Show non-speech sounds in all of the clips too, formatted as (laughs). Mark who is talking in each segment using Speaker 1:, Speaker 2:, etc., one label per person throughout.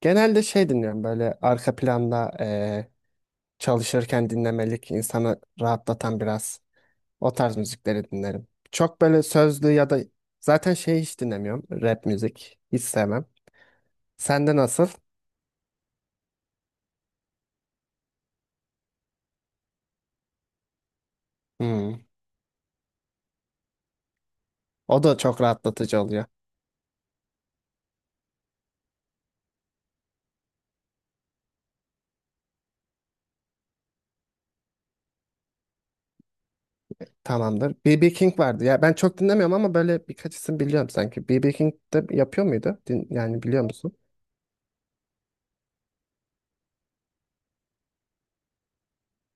Speaker 1: Genelde şey dinliyorum böyle arka planda çalışırken dinlemelik insanı rahatlatan biraz o tarz müzikleri dinlerim. Çok böyle sözlü ya da zaten şey hiç dinlemiyorum rap müzik hiç sevmem. Sende nasıl? Hmm. O da çok rahatlatıcı oluyor. Tamamdır. B.B. King vardı. Ya ben çok dinlemiyorum ama böyle birkaç isim biliyorum sanki. B.B. King de yapıyor muydu? Yani biliyor musun?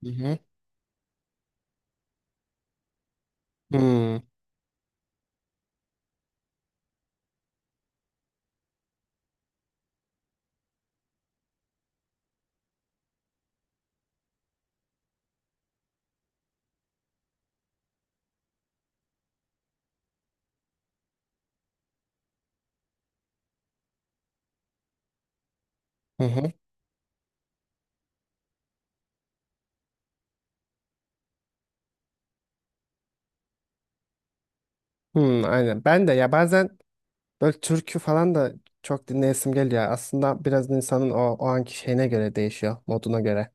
Speaker 1: Hı hı. Hmm. Hı hı. Hmm, aynen. Ben de ya bazen böyle türkü falan da çok dinleyesim geliyor. Aslında biraz insanın o anki şeyine göre değişiyor, moduna göre.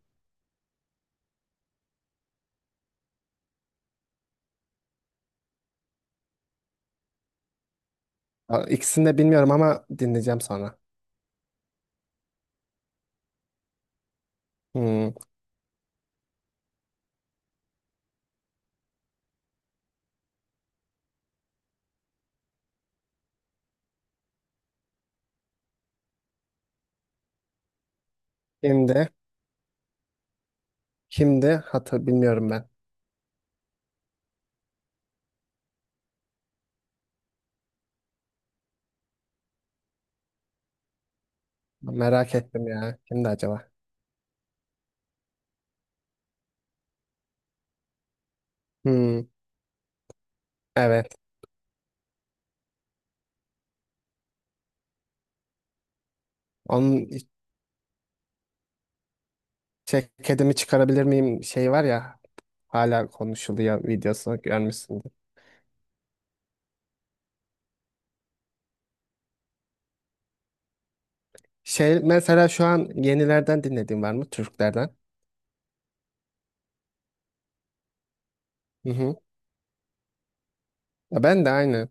Speaker 1: İkisini de bilmiyorum ama dinleyeceğim sonra. Hmm. Şimdi, şimdi hatır bilmiyorum ben. Merak ettim ya. Kimdi acaba? Hmm. Evet. Onun ceketimi çıkarabilir miyim şey var ya hala konuşuluyor videosu görmüşsündür. Şey mesela şu an yenilerden dinlediğin var mı Türklerden? Hı hı. Ya ben de aynı.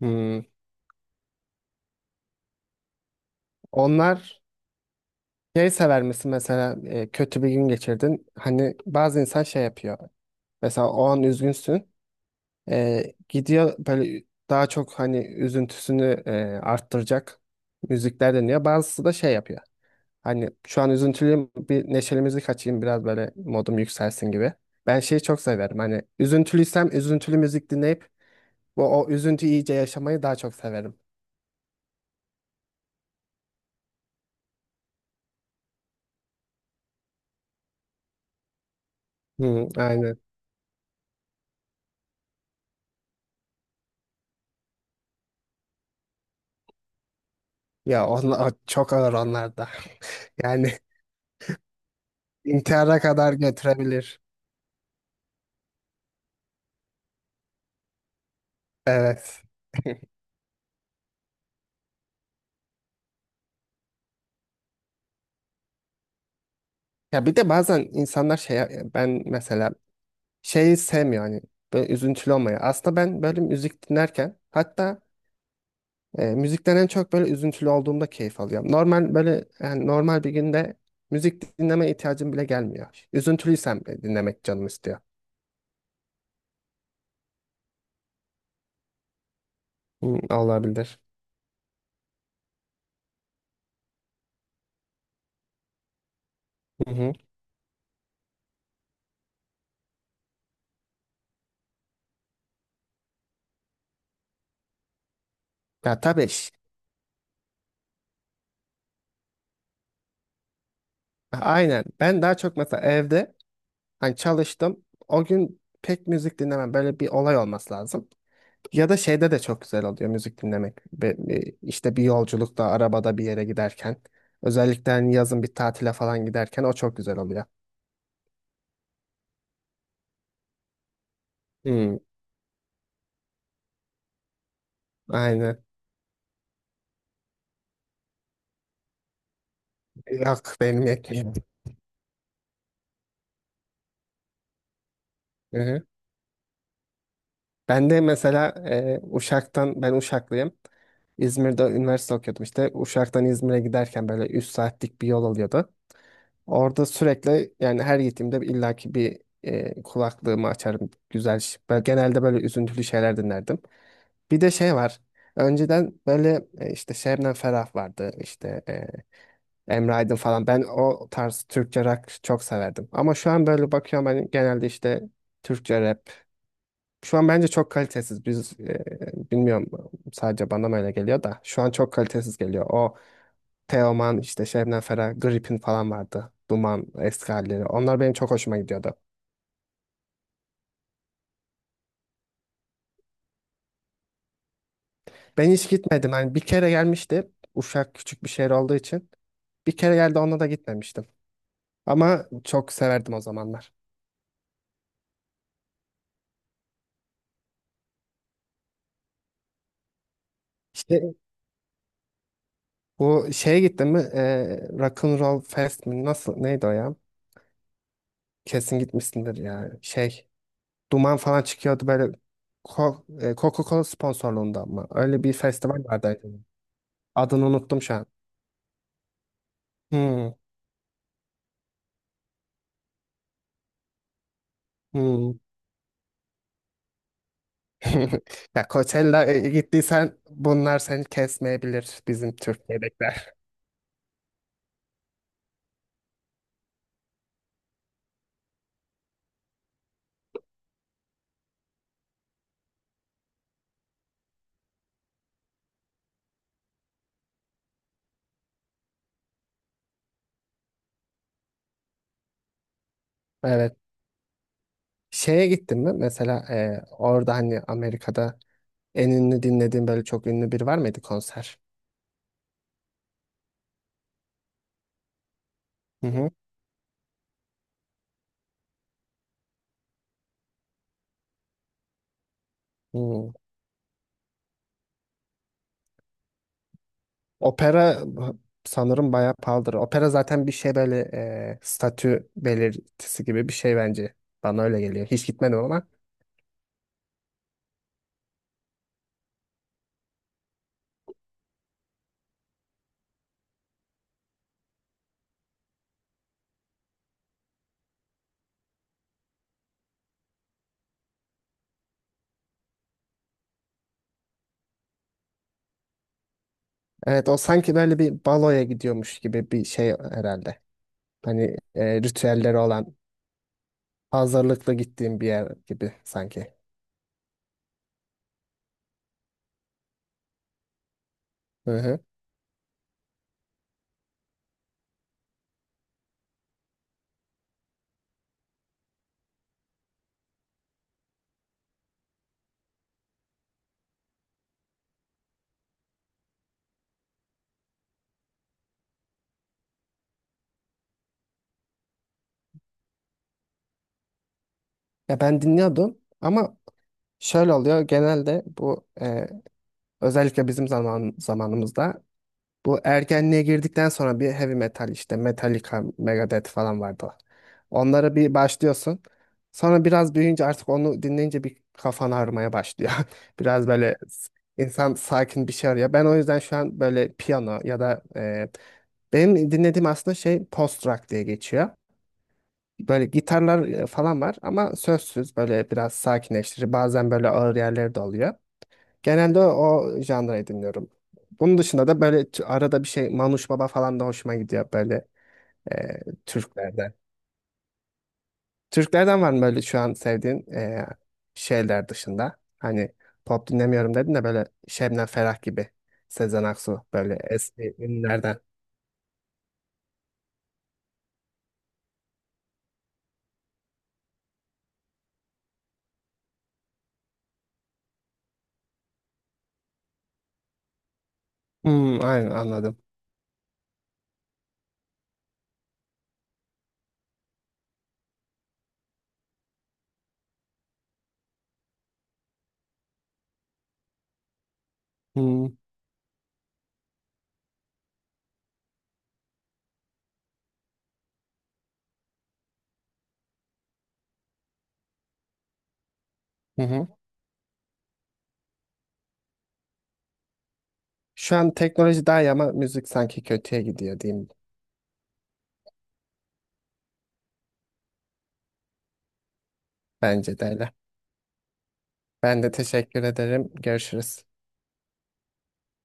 Speaker 1: Hmm. Onlar. Şey sever misin mesela kötü bir gün geçirdin. Hani bazı insan şey yapıyor. Mesela o an üzgünsün. E, Gidiyor böyle daha çok hani üzüntüsünü arttıracak müzikler dinliyor. Bazısı da şey yapıyor. Hani şu an üzüntülüyüm bir neşeli müzik açayım biraz böyle modum yükselsin gibi. Ben şeyi çok severim. Hani üzüntülüysem üzüntülü müzik dinleyip bu o üzüntüyü iyice yaşamayı daha çok severim. Hı, aynen. Ya onlar çok ağır onlar da. (laughs) Yani İntihara kadar götürebilir. Evet. (laughs) Ya bir de bazen insanlar şey ben mesela şeyi sevmiyor hani böyle üzüntülü olmayı. Aslında ben böyle müzik dinlerken hatta müzikten en çok böyle üzüntülü olduğumda keyif alıyorum. Normal böyle yani normal bir günde müzik dinleme ihtiyacım bile gelmiyor. Üzüntülüysem bile dinlemek canım istiyor. Hmm, olabilir. Hı hı. Ya tabii aynen ben daha çok mesela evde hani çalıştım o gün pek müzik dinlemem böyle bir olay olması lazım. Ya da şeyde de çok güzel oluyor müzik dinlemek. İşte bir yolculukta, arabada bir yere giderken. Özellikle hani yazın bir tatile falan giderken o çok güzel oluyor. Hmm, aynen. Yok benim yetmiyor. (laughs) Hı hı. Ben de mesela Uşak'tan, ben Uşaklıyım. İzmir'de üniversite okuyordum işte. Uşak'tan İzmir'e giderken böyle 3 saatlik bir yol oluyordu. Orada sürekli yani her gittiğimde illaki bir kulaklığımı açarım. Güzel. Ben genelde böyle üzüntülü şeyler dinlerdim. Bir de şey var. Önceden böyle işte Şebnem Ferah vardı. İşte Emre Aydın falan. Ben o tarz Türkçe rock çok severdim. Ama şu an böyle bakıyorum hani genelde işte Türkçe rap. Şu an bence çok kalitesiz. Biz bilmiyorum sadece bana mı öyle geliyor da. Şu an çok kalitesiz geliyor. O Teoman işte Şebnem Ferah, Gripin falan vardı. Duman eski halleri. Onlar benim çok hoşuma gidiyordu. Ben hiç gitmedim. Hani bir kere gelmişti. Uşak küçük bir şehir olduğu için. Bir kere geldi ona da gitmemiştim. Ama çok severdim o zamanlar. İşte bu şeye gittin mi? Rock'n'Roll Fest mi? Nasıl? Neydi o ya? Kesin gitmişsindir ya. Şey, duman falan çıkıyordu böyle Co- Coca-Cola sponsorluğunda ama. Öyle bir festival vardı acaba. Adını unuttum şu an. Hmm, hmm. (laughs) Ya Coachella'ya gittiysen bunlar seni kesmeyebilir bizim Türkiye'dekiler. Evet. Şeye gittin mi? Mesela orada hani Amerika'da en ünlü dinlediğin böyle çok ünlü biri var mıydı konser? Hı hı. Hmm. Opera sanırım bayağı pahalıdır. Opera zaten bir şey böyle statü belirtisi gibi bir şey bence. Bana öyle geliyor. Hiç gitmedim ama. Evet o sanki böyle bir baloya gidiyormuş gibi bir şey herhalde. Hani ritüelleri olan hazırlıklı gittiğim bir yer gibi sanki. Hı hı. Ya ben dinliyordum ama şöyle oluyor genelde bu özellikle bizim zamanımızda bu ergenliğe girdikten sonra bir heavy metal işte Metallica, Megadeth falan vardı. Onlara bir başlıyorsun. Sonra biraz büyüyünce artık onu dinleyince bir kafan ağrımaya başlıyor. (laughs) Biraz böyle insan sakin bir şey arıyor. Ben o yüzden şu an böyle piyano ya da benim dinlediğim aslında şey post rock diye geçiyor. Böyle gitarlar falan var ama sözsüz böyle biraz sakinleştirici bazen böyle ağır yerleri de oluyor. Genelde o janrayı dinliyorum. Bunun dışında da böyle arada bir şey Manuş Baba falan da hoşuma gidiyor böyle e, Türklerden. Türklerden var mı böyle şu an sevdiğin şeyler dışında? Hani pop dinlemiyorum dedin de böyle Şebnem Ferah gibi Sezen Aksu böyle eski ünlülerden. Hmm, aynen anladım. Hmm. Hı hı. Şu an teknoloji daha iyi ama müzik sanki kötüye gidiyor diyeyim. Bence de öyle. Ben de teşekkür ederim. Görüşürüz.